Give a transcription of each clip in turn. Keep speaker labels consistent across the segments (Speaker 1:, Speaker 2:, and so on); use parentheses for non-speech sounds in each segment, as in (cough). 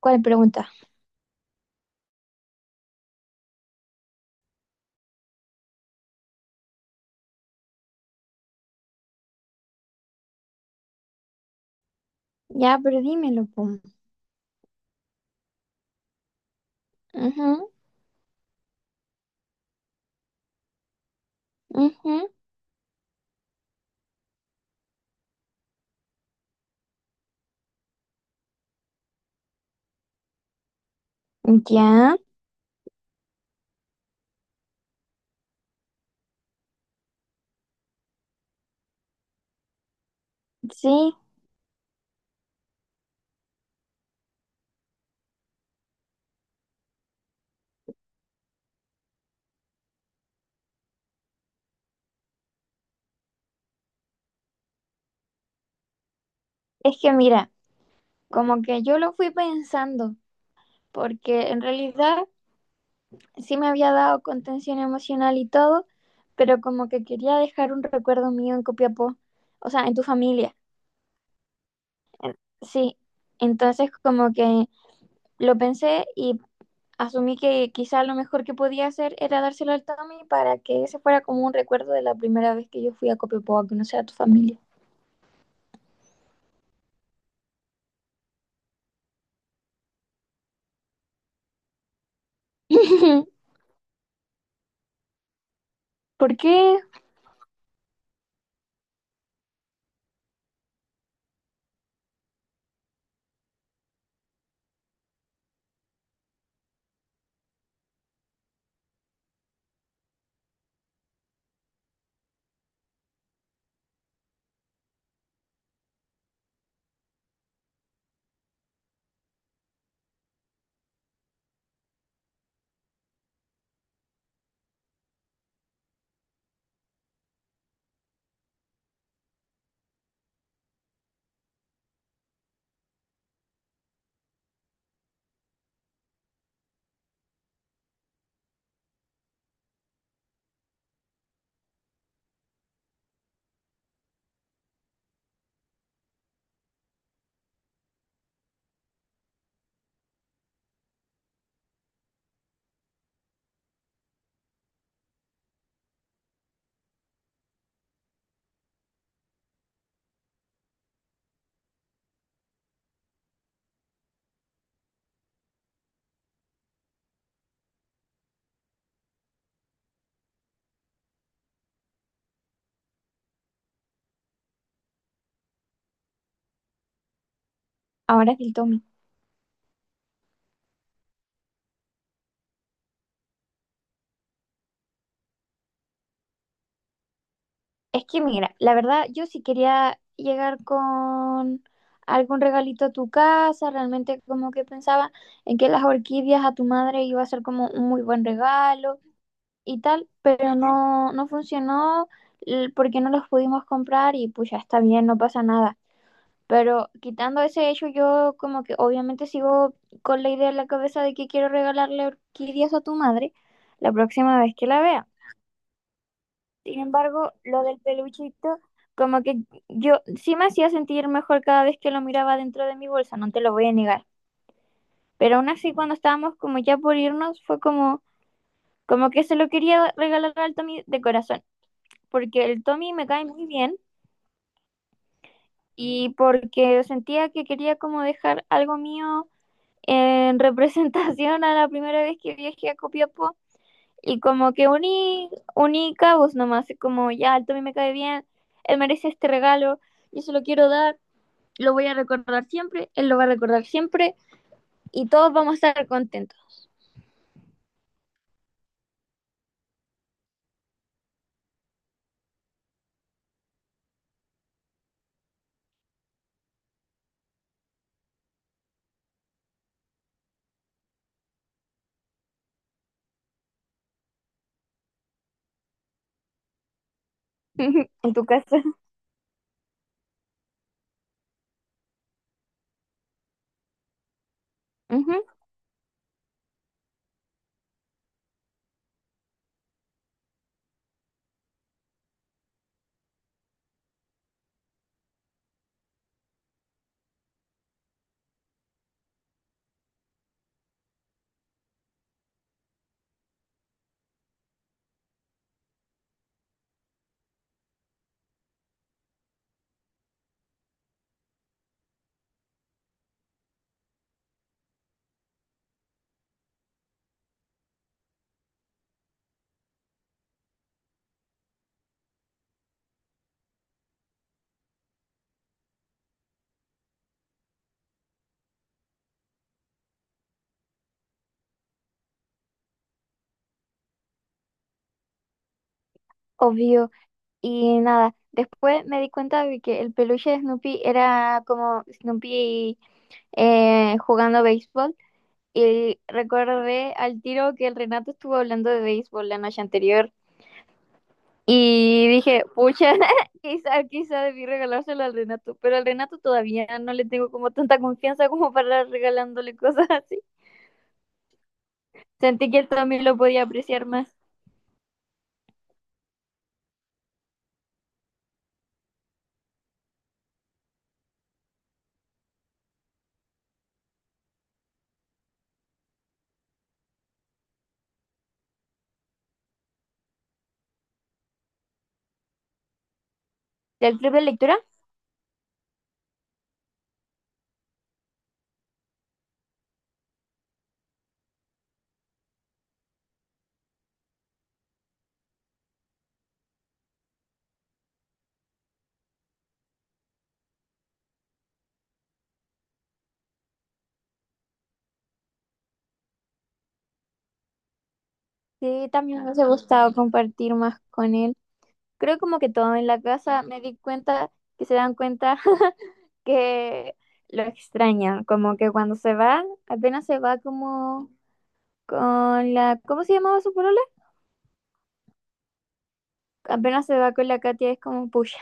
Speaker 1: ¿Cuál pregunta? Ya, pero dímelo, po. Ujú, ujú. Ya, sí. Es que mira, como que yo lo fui pensando, porque en realidad sí me había dado contención emocional y todo, pero como que quería dejar un recuerdo mío en Copiapó, o sea, en tu familia, sí. Entonces como que lo pensé y asumí que quizá lo mejor que podía hacer era dárselo al Tommy para que ese fuera como un recuerdo de la primera vez que yo fui a Copiapó a conocer a tu familia. (laughs) ¿Por qué ahora es el Tommy? Es que mira, la verdad yo sí quería llegar con algún regalito a tu casa, realmente como que pensaba en que las orquídeas a tu madre iba a ser como un muy buen regalo y tal, pero no, no funcionó porque no los pudimos comprar y pues ya está bien, no pasa nada. Pero quitando ese hecho, yo como que obviamente sigo con la idea en la cabeza de que quiero regalarle orquídeas a tu madre la próxima vez que la vea. Sin embargo, lo del peluchito, como que yo sí me hacía sentir mejor cada vez que lo miraba dentro de mi bolsa, no te lo voy a negar. Pero aún así, cuando estábamos como ya por irnos, fue como, como que se lo quería regalar al Tommy de corazón, porque el Tommy me cae muy bien y porque sentía que quería como dejar algo mío en (laughs) representación a la primera vez que viajé a Copiapó. Y como que uní cabos nomás, y como ya, el Tommy me cae bien, él merece este regalo, yo se lo quiero dar, lo voy a recordar siempre, él lo va a recordar siempre y todos vamos a estar contentos. (laughs) En tu casa. Ujú, obvio. Y nada, después me di cuenta de que el peluche de Snoopy era como Snoopy jugando béisbol. Y recordé al tiro que el Renato estuvo hablando de béisbol la noche anterior. Y dije, pucha, (laughs) quizá, quizá debí regalárselo al Renato, pero al Renato todavía no le tengo como tanta confianza como para andar regalándole (laughs) cosas así. Sentí que él también lo podía apreciar más. ¿Del club de lectura? Sí, también me hubiese gustado compartir más con él. Creo como que todo en la casa me di cuenta, que se dan cuenta (laughs) que lo extrañan, como que cuando se va, apenas se va como con la, ¿cómo se llamaba su polola? Apenas se va con la Katia es como, pucha.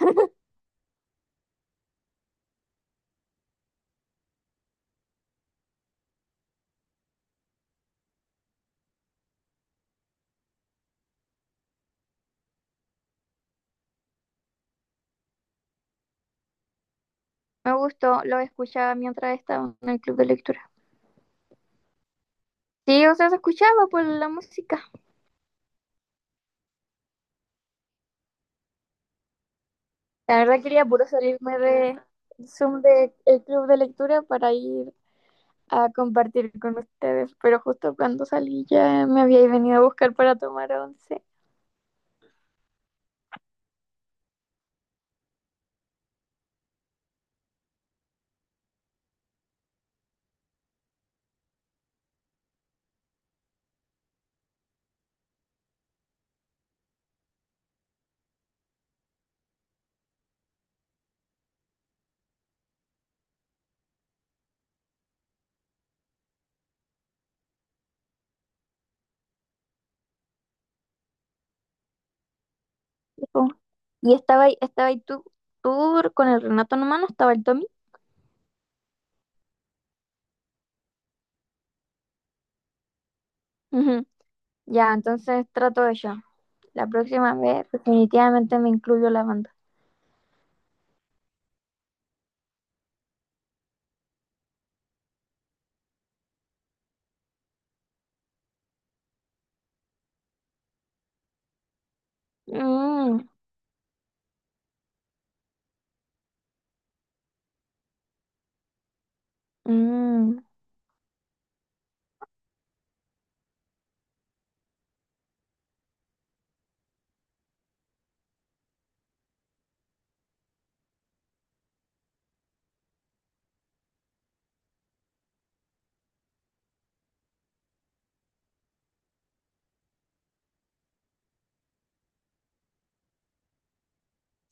Speaker 1: Me gustó, lo escuchaba mientras estaba en el club de lectura. Sí, o sea, se escuchaba por la música. La verdad quería puro salirme de Zoom del club de lectura para ir a compartir con ustedes, pero justo cuando salí ya me habíais venido a buscar para tomar once. Y estaba ahí tú, tú con el Renato nomás, no estaba el Tommy. Ujú. Ya, entonces trato de yo. La próxima vez definitivamente me incluyo la banda. Mm, mm.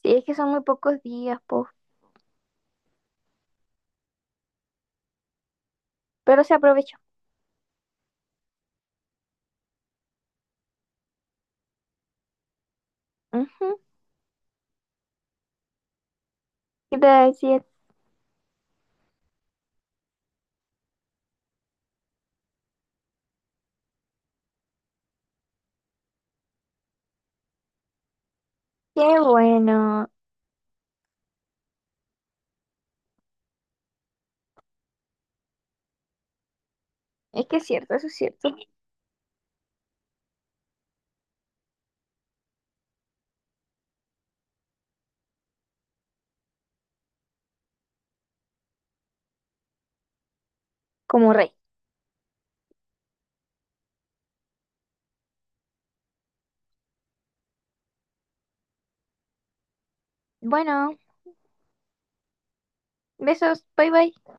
Speaker 1: Sí, es que son muy pocos días, po. Pero se aprovechó. Ujú. ¿Qué te iba a decir? Qué bueno. Es que es cierto, eso es cierto. Como rey. Bueno, besos, bye bye.